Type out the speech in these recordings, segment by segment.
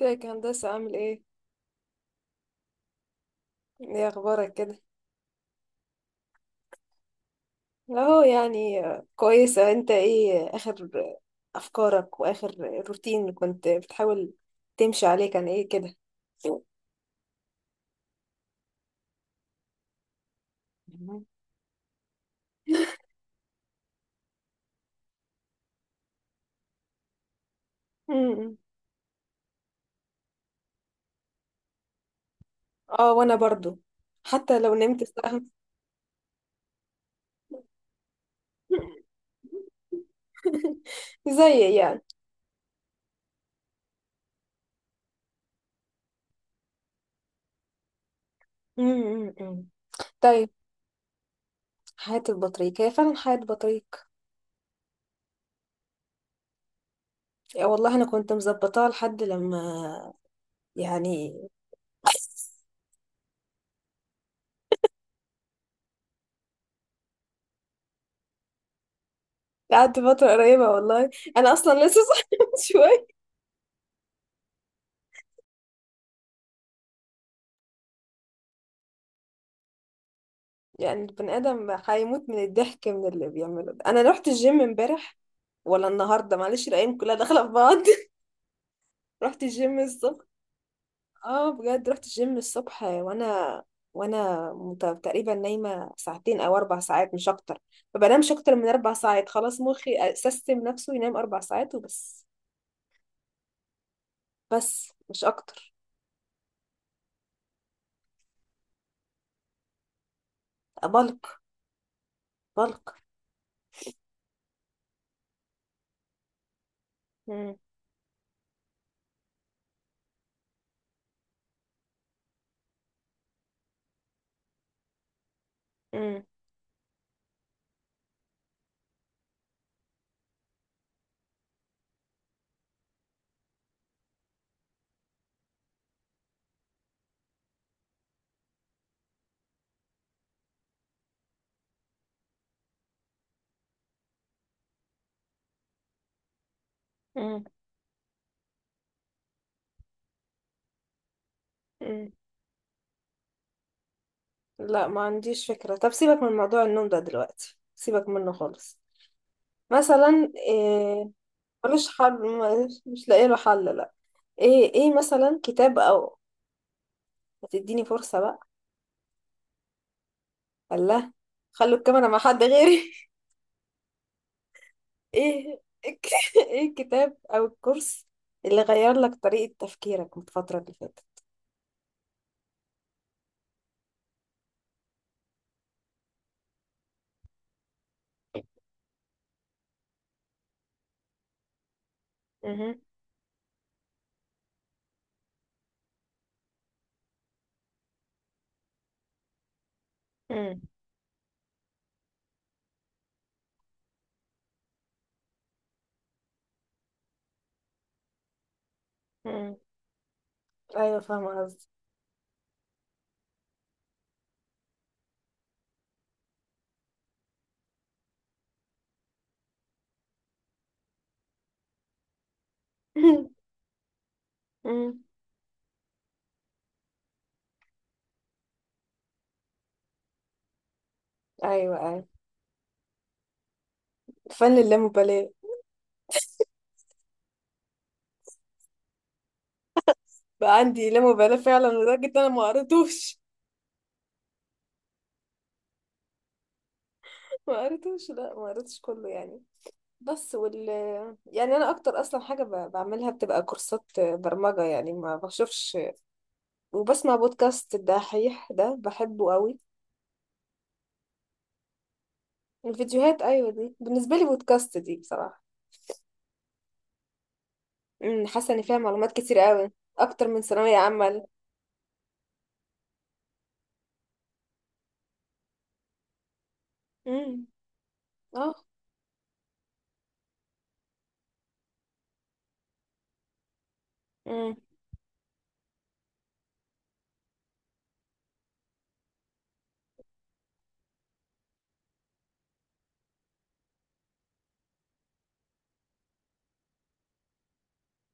ازيك يا هندسة، عامل ايه؟ ايه اخبارك كده؟ اهو يعني كويسة. انت ايه اخر افكارك واخر روتين اللي كنت بتحاول تمشي عليه، كان ايه كده؟ مم. مم. اه وانا برضو حتى لو نمت الساعة. زي يعني. مم. مم. طيب، حياة البطريق هي فعلا حياة بطريق. يا والله انا كنت مظبطاها لحد لما يعني. قعدت فترة قريبة والله. أنا أصلا لسه صاحية من شوية. يعني البني آدم هيموت من الضحك من اللي بيعمله ده. أنا رحت الجيم امبارح ولا النهاردة؟ معلش، الأيام كلها داخلة في بعض. رحت الجيم الصبح. اه بجد رحت الجيم الصبح وأنا تقريبا نايمة ساعتين أو أربع ساعات مش أكتر. ما بنامش أكتر من أربع ساعات، خلاص مخي سيستم نفسه ينام أربع ساعات وبس، بس مش أكتر. بلق. بلق. مم. مم. مم. مم. لا ما عنديش فكرة. طب سيبك من موضوع النوم ده دلوقتي، سيبك منه خالص. مثلا إيه؟ ملوش حل. ملوش، مش لاقي له حل. لا. ايه مثلا كتاب او... هتديني فرصة بقى؟ الله. خلوا الكاميرا مع حد غيري. ايه ايه الكتاب او الكورس اللي غير لك طريقة تفكيرك من الفترة اللي فاتت؟ مهم. مم. مم. ايوه فاهمة قصدي. مم. ايوه، ايوه. فن اللامبالاة. بقى عندي لامبالاة فعلا لدرجة ان انا ما قريتوش. ما قريتوش. لا ما قريتش كله يعني، بس يعني انا اكتر اصلا حاجه بعملها بتبقى كورسات برمجه، يعني ما بشوفش. وبسمع بودكاست الدحيح ده، بحبه قوي. الفيديوهات، ايوه، دي بالنسبه لي بودكاست دي بصراحه. حاسه ان فيها معلومات كتير قوي اكتر من ثانويه عامه. امم اه امم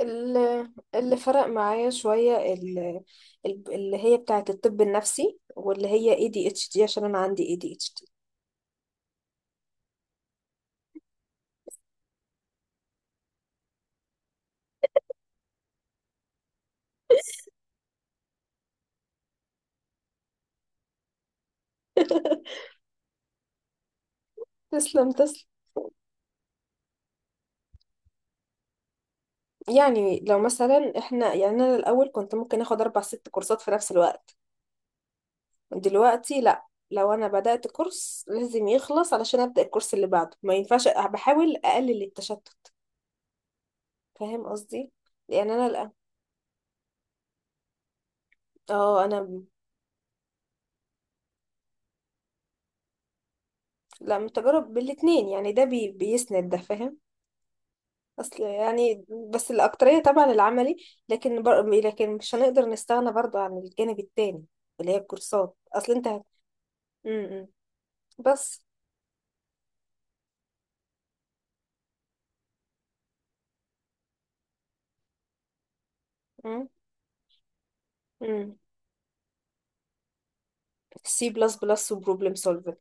ال- اللي فرق معايا شويه اللي هي بتاعه الطب النفسي، واللي هي اي دي اتش دي، عشان انا عندي اي دي اتش دي. تسلم، تسلم. يعني لو مثلا احنا، يعني انا الاول كنت ممكن اخد اربع ست كورسات في نفس الوقت. دلوقتي لا، لو انا بدأت كورس لازم يخلص علشان ابدأ الكورس اللي بعده، ما ينفعش، بحاول اقلل التشتت. فاهم قصدي؟ لان انا لا. اه انا لا، من تجارب، بالاتنين يعني، ده بي بيسند ده، فاهم. اصل يعني، بس الاكترية طبعا العملي، لكن لكن مش هنقدر نستغنى برضو عن الجانب التاني اللي هي الكورسات. اصل انت هت- م- م. بس م- م. سي بلس بلس وبروبلم سولفنج.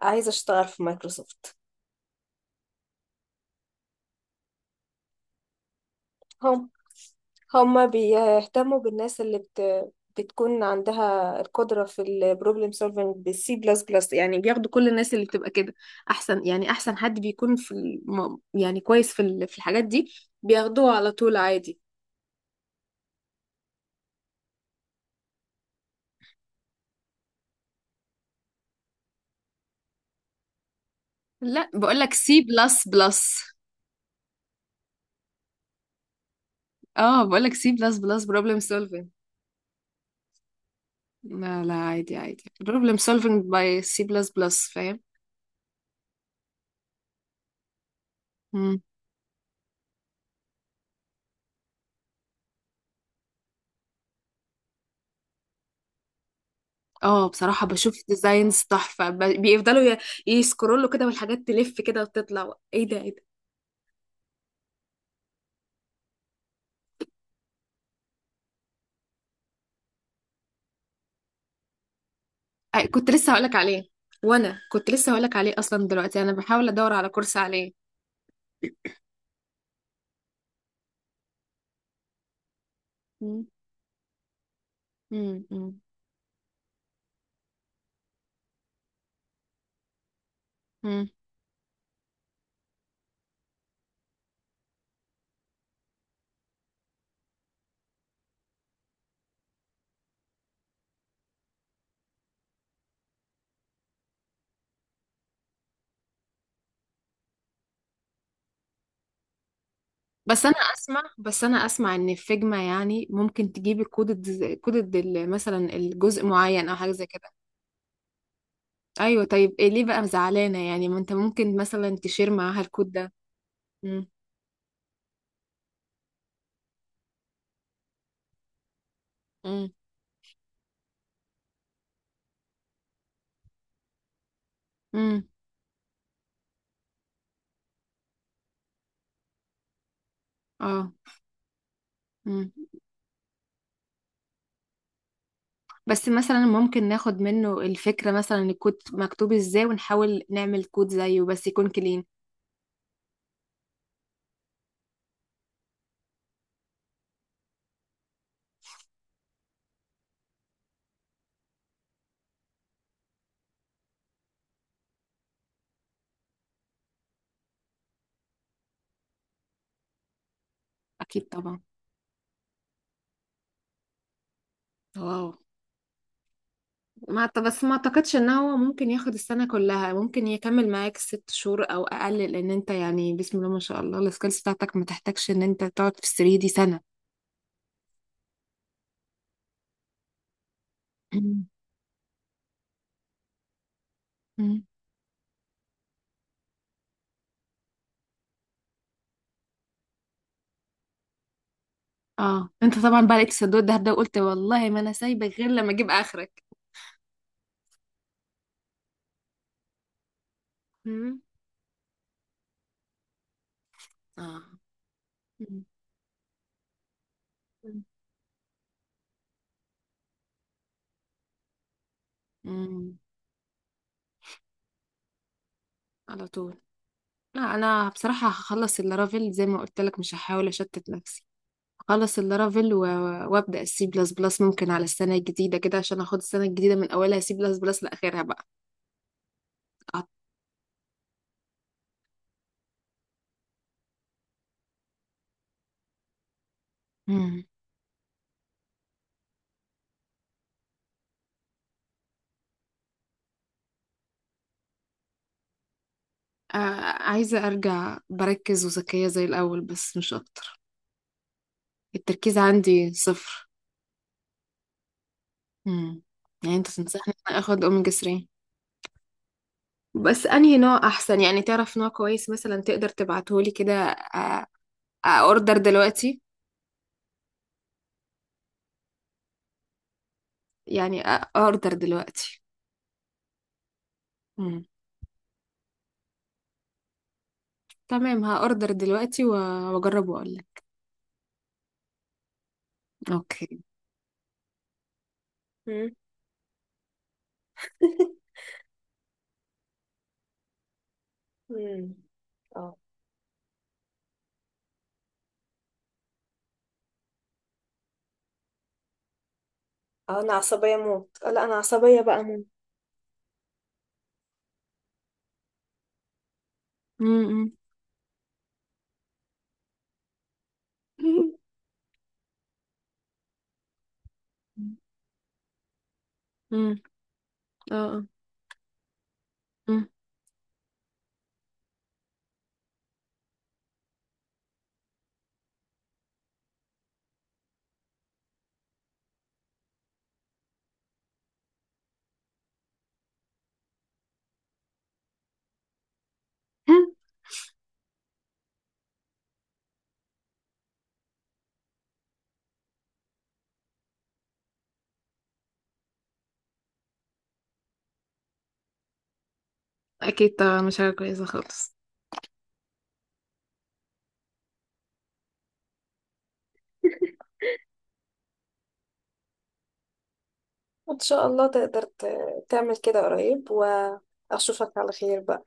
عايزة اشتغل في مايكروسوفت. هم هما بيهتموا بالناس اللي بتكون عندها القدرة في البروبلم سولفنج بالسي بلس بلس يعني. بياخدوا كل الناس اللي بتبقى كده أحسن، يعني أحسن حد بيكون في يعني كويس في في الحاجات دي، بياخدوه على طول عادي. لا بقولك سي بلس بلس. اه بقولك سي بلس بلس بروبلم سولفينج. لا لا، عادي عادي، بروبلم سولفينج باي سي بلس بلس، فاهم. اه بصراحة بشوف ديزاينز تحفة، بيفضلوا يسكرولوا كده والحاجات تلف كده وتطلع، ايه ده ايه ده. آه، كنت لسه هقولك عليه. وانا كنت لسه هقولك عليه اصلا، دلوقتي انا بحاول ادور على كورس عليه. مم. مم. مم. مم. بس انا اسمع ان في فيجما يعني، ممكن تجيبي كود كود مثلا الجزء معين او حاجة زي كده. ايوه، طيب إيه، ليه بقى زعلانة يعني؟ ما انت ممكن مثلا تشير معاها الكود ده. مم. مم. مم. اه. مم. بس مثلا ممكن ناخد منه الفكرة، مثلا الكود مكتوب ازاي، ونحاول نعمل كود زيه بس يكون كلين. اكيد طبعا. واو. ما أعت- بس ما اعتقدش ان هو ممكن ياخد السنة كلها، ممكن يكمل معاك ست شهور او اقل، لان انت يعني، بسم الله ما شاء الله، السكيلز بتاعتك ما تحتاجش ان انت تقعد في السرير دي سنة. مم. مم. اه انت طبعا بقى لقيت السدود ده وقلت والله ما انا سايبك غير لما اجيب اخرك. مم. اه. مم. مم. مم. على طول. لا انا بصراحه هخلص اللارافيل زي ما قلت لك، مش هحاول اشتت نفسي. هخلص اللارافيل وابدا السي بلس بلس، ممكن على السنه الجديده كده، عشان اخد السنه الجديده من اولها سي بلس بلس لاخرها بقى. أط- مم. آه، عايزه ارجع بركز وذكيه زي الاول، بس مش اكتر. التركيز عندي صفر. مم. يعني انت تنصحني إن أنا اخد اوميجا 3؟ بس انهي نوع احسن يعني، تعرف نوع كويس مثلا تقدر تبعتهولي كده؟ آه، آه، اوردر دلوقتي. يعني آه، اوردر دلوقتي. تمام، هأوردر دلوقتي وأجرب وأقولك. أوكي. مم. مم. اه، اه انا عصبية موت. آه، لا انا عصبية بقى موت. امم امم اه. آه. مم. أكيد طبعا مش حاجة كويسة خالص. ان شاء الله تقدر تعمل كده قريب، واشوفك على خير بقى.